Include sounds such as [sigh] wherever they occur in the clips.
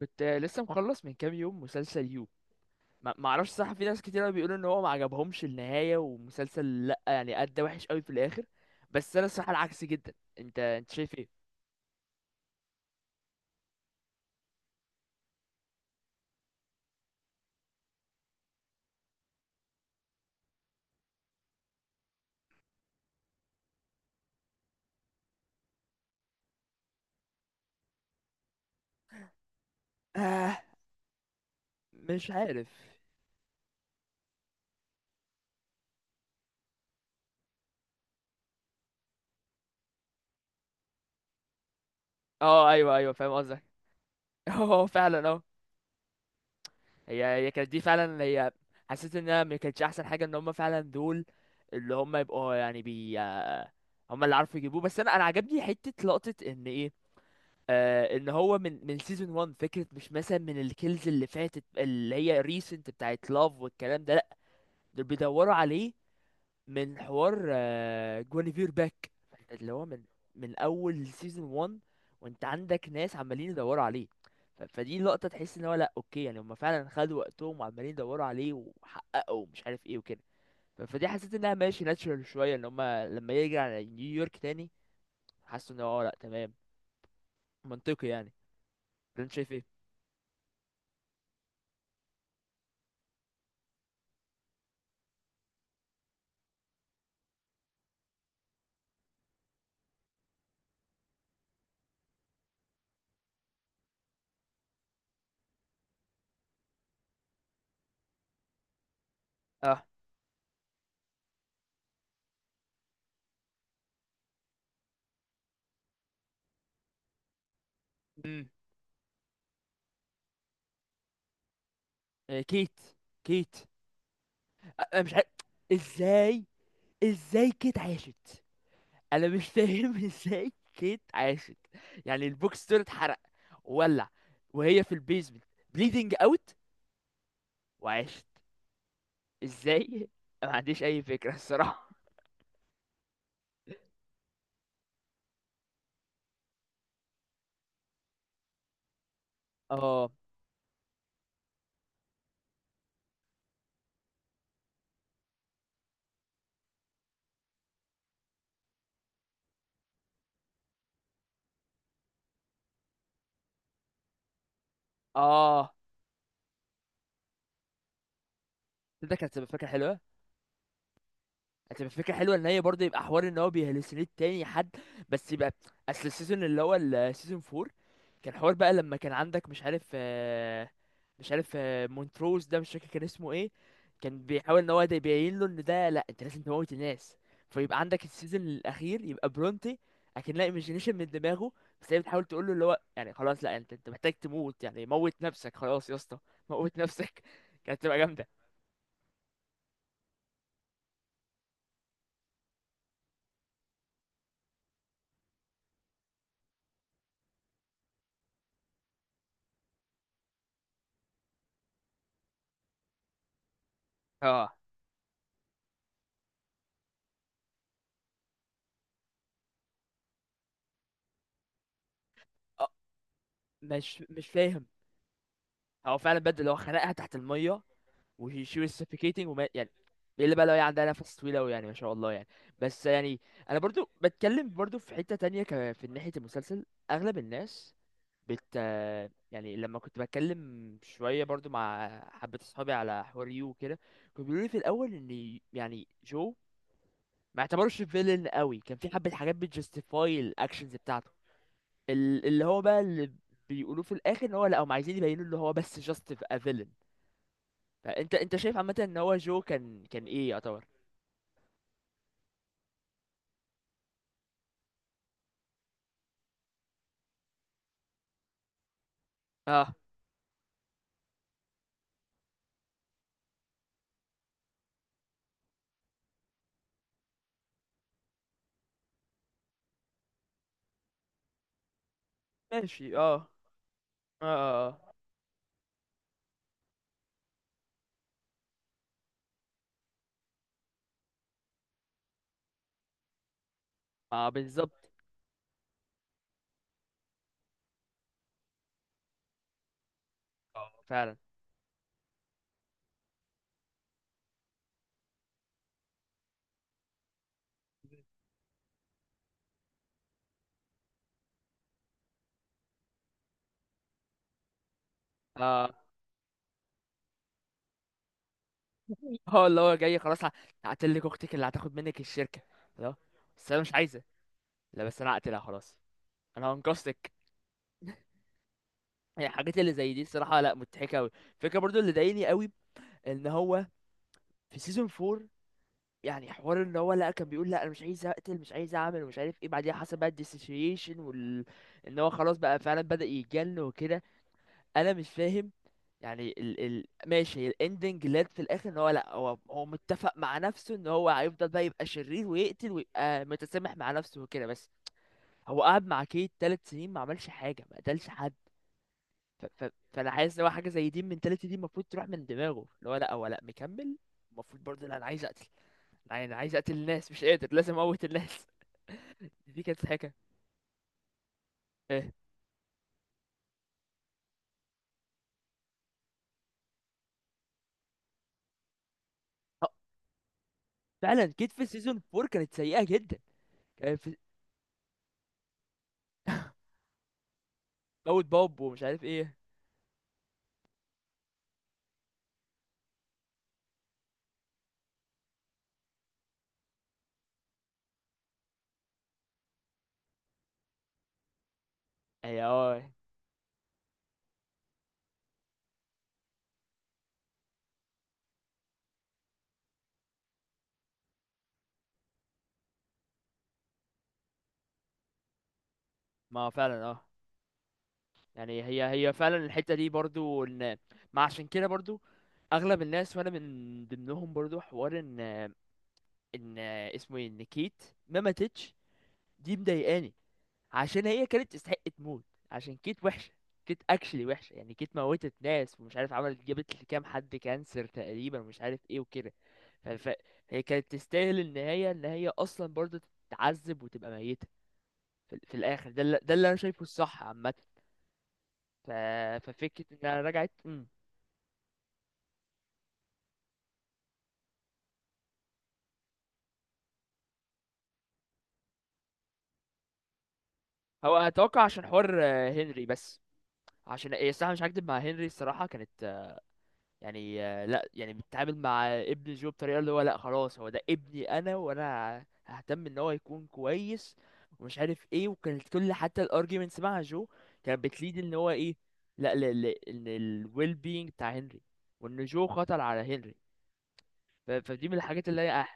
كنت لسه مخلص من كام يوم مسلسل يو. ما اعرفش، صح في ناس كتير قوي بيقولوا ان هو ما عجبهمش النهايه ومسلسل لا يعني ادى وحش قوي في الاخر، بس انا الصراحه العكس جدا. انت شايف ايه؟ آه، مش عارف. اه ايوه ايوه، فاهم قصدك. [laughs] اه فعلا اه. هي كانت دي فعلا هي. حسيت انها ما كانتش احسن حاجه ان هم فعلا دول اللي هم يبقوا يعني بي. هم اللي عارفوا يجيبوه، بس انا عجبني حته لقطه ان ايه. آه، ان هو من سيزون 1، فكره مش مثلا من الكيلز اللي فاتت اللي هي ريسنت بتاعت لاف والكلام ده، لا، دول بيدوروا عليه من حوار جوانيفير باك، اللي هو من من اول سيزون 1، وانت عندك ناس عمالين يدوروا عليه. فدي لقطه تحس ان هو لا، اوكي، يعني هم فعلا خدوا وقتهم وعمالين يدوروا عليه وحققوا مش عارف ايه وكده. فدي حسيت انها ماشي ناتشرال شويه، ان هم لما يرجع على نيويورك تاني حسوا ان هو لا تمام، منطقي يعني. انت شايف ايه؟ اه، كيت، كيت. انا مش عارف ازاي، ازاي كيت عاشت. انا مش فاهم. [laughs] ازاي كيت عاشت، يعني البوكس ستور اتحرق وولع وهي في البيزمنت بليدنج اوت وعاشت؟ ازاي؟ [laughs] ما عنديش اي فكره الصراحه. اه اه، ده كانت هتبقى فكره حلوه. هتبقى فكره حلوه ان هي برضه يبقى حوار ان هو بيهلوسينيت تاني حد، بس يبقى اصل السيزون اللي هو السيزون 4 كان حوار بقى لما كان عندك مش عارف، مش عارف، مونتروز ده مش فاكر كان اسمه ايه، كان بيحاول ان هو ده يبين له ان ده لا، انت لازم تموت الناس. فيبقى عندك السيزون الاخير يبقى برونتي اكنها ايميجينيشن من دماغه، بس هي بتحاول تقول له اللي هو يعني خلاص لا، انت محتاج تموت، يعني موت نفسك خلاص يا اسطى، موت نفسك. [laughs] كانت تبقى جامده. اه، آه، مش مش فاهم. هو فعلا بدل اللي هو خنقها تحت الميه وهي شي was suffocating، وما يعني الا بقى لو هي عندها نفس طويل اوي، يعني ما شاء الله يعني. بس يعني انا برضو بتكلم برضو في حتة تانية في ناحية المسلسل اغلب الناس بت، يعني لما كنت بتكلم شوية برضو مع حبة اصحابي على حوار يو وكده، كانوا بيقولوا لي في الاول ان يعني جو ما اعتبرش فيلن قوي، كان في حبة حاجات بتجستيفاي الاكشنز بتاعته. اللي هو بقى اللي بيقولوه في الاخر ان هو لا، هم عايزين يبينوا ان هو بس just a villain. انت شايف عامه ان هو جو كان ايه يعتبر؟ اه، ماشي اه، اه اه اه، بالظبط. اه فعلا اه. [laughs] هو اللي هو جاي خلاص، هقتلك اختك اللي هتاخد منك الشركه. لا بس انا مش عايزه. لا بس انا هقتلها خلاص، انا هنقذتك. يعني الحاجات اللي زي دي الصراحه لا مضحكه قوي. الفكره برضو اللي ضايقني قوي ان هو في سيزون 4، يعني حوار ان هو لا كان بيقول لا انا مش عايز اقتل، مش عايز اعمل ومش عارف ايه، بعديها حصل بقى الديسوسيشن وال، ان هو خلاص بقى فعلا بدأ يتجن وكده. انا مش فاهم، يعني ال ال ماشي هي الاندنج لاد في الاخر ان هو لا، هو هو متفق مع نفسه ان هو هيفضل بقى يبقى شرير ويقتل ويبقى متسامح مع نفسه وكده، بس هو قعد مع كيت 3 سنين ما عملش حاجه، ما قتلش حد. ف فانا حاسس ان هو حاجه زي دي المنتاليتي دي المفروض تروح من دماغه، اللي هو لا هو لا مكمل. المفروض برضه لا انا عايز اقتل، لا انا عايز اقتل الناس، مش قادر، لازم اموت الناس. [laughs] دي كانت حاجه. ايه، آه، فعلا كيت في سيزون 4 كانت سيئه جدا. كان في موت بوب ومش عارف ايه. هي اه، ما فعلا اه. يعني هي فعلا الحتة دي برضو ان، ما عشان كده برضو اغلب الناس وانا من ضمنهم برضو حوار ان ان اسمه ايه، ان كيت ما ماتتش دي مضايقاني. عشان هي كانت تستحق تموت، عشان كيت وحشة. كيت اكشلي وحشة، يعني كيت موتت ناس ومش عارف عملت جابت لكام حد كانسر تقريبا ومش عارف ايه وكده. ف... ف... هي كانت تستاهل النهاية ان هي اصلا برضو تتعذب وتبقى ميتة في الاخر. ده اللي... ده اللي انا شايفه الصح عامة. ف... ففكرة انها رجعت هو اتوقع عشان حوار هنري بس. عشان ايه الصراحة مش هكدب، مع هنري الصراحة كانت يعني لا يعني بتتعامل مع ابن جو بطريقة اللي هو لا خلاص هو ده ابني انا وانا ههتم ان هو يكون كويس ومش عارف ايه، وكانت كل حتى الارجيومنتس مع جو كانت بتليد ان هو ايه، لا ان الويل بينج بتاع هنري وان جو خطر على هنري. فدي من الحاجات اللي هي.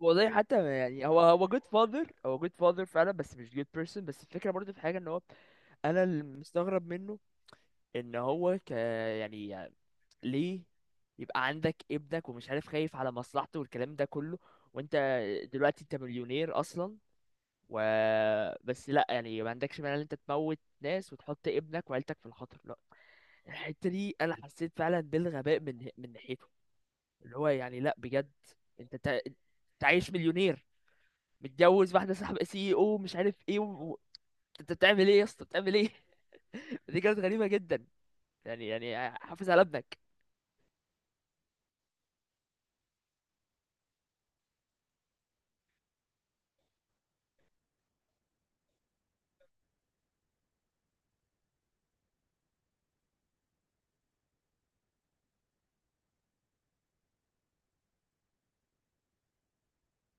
والله حتى يعني هو هو جود فاذر هو جود فاذر فعلا بس مش جود بيرسون، بس الفكره برضه في حاجه ان هو، انا اللي مستغرب منه، ان هو ك، يعني ليه يبقى عندك ابنك ومش عارف خايف على مصلحته والكلام ده كله، وانت دلوقتي انت مليونير اصلا، و بس لا يعني ما عندكش مانع ان انت تموت ناس وتحط ابنك وعيلتك في الخطر؟ لا، الحته دي انا حسيت فعلا بالغباء من ناحيته، اللي هو يعني لا بجد، انت عايش مليونير، متجوز واحده صاحبه سي او مش عارف ايه و... و- انت بتعمل ايه يا اسطى؟ بتعمل ايه؟ [laughs] دي كانت غريبه جدا، يعني يعني حافظ على ابنك.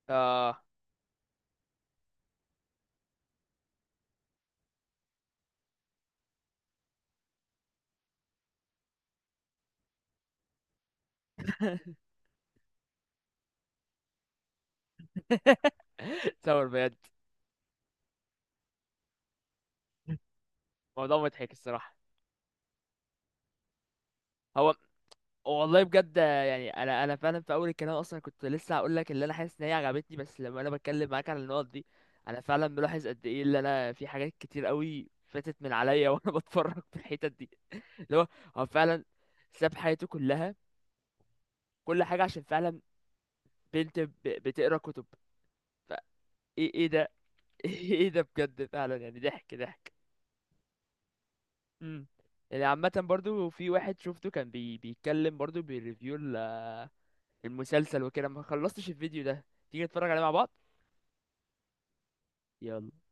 اه [laughs] تصور بجد، موضوع مضحك الصراحه. هو والله بجد يعني، انا فعلا في اول الكلام اصلا كنت لسه هقول لك اللي انا حاسس ان هي عجبتني، بس لما انا بتكلم معاك على النقط دي انا فعلا بلاحظ قد ايه اللي انا في حاجات كتير قوي فاتت من عليا وانا [laughs] بتفرج في الحتت دي، اللي هو هو فعلا ساب حياته كلها، كل حاجه عشان فعلا بنت بتقرا كتب. فايه، إيه ده؟ [laughs] ايه ده بجد؟ فعلا يعني ضحك ضحك. امم، يعني عامة برضو في واحد شفته كان بيتكلم برضو بيريفيو المسلسل وكده، ما خلصتش الفيديو ده. تيجي نتفرج عليه مع بعض؟ يلا.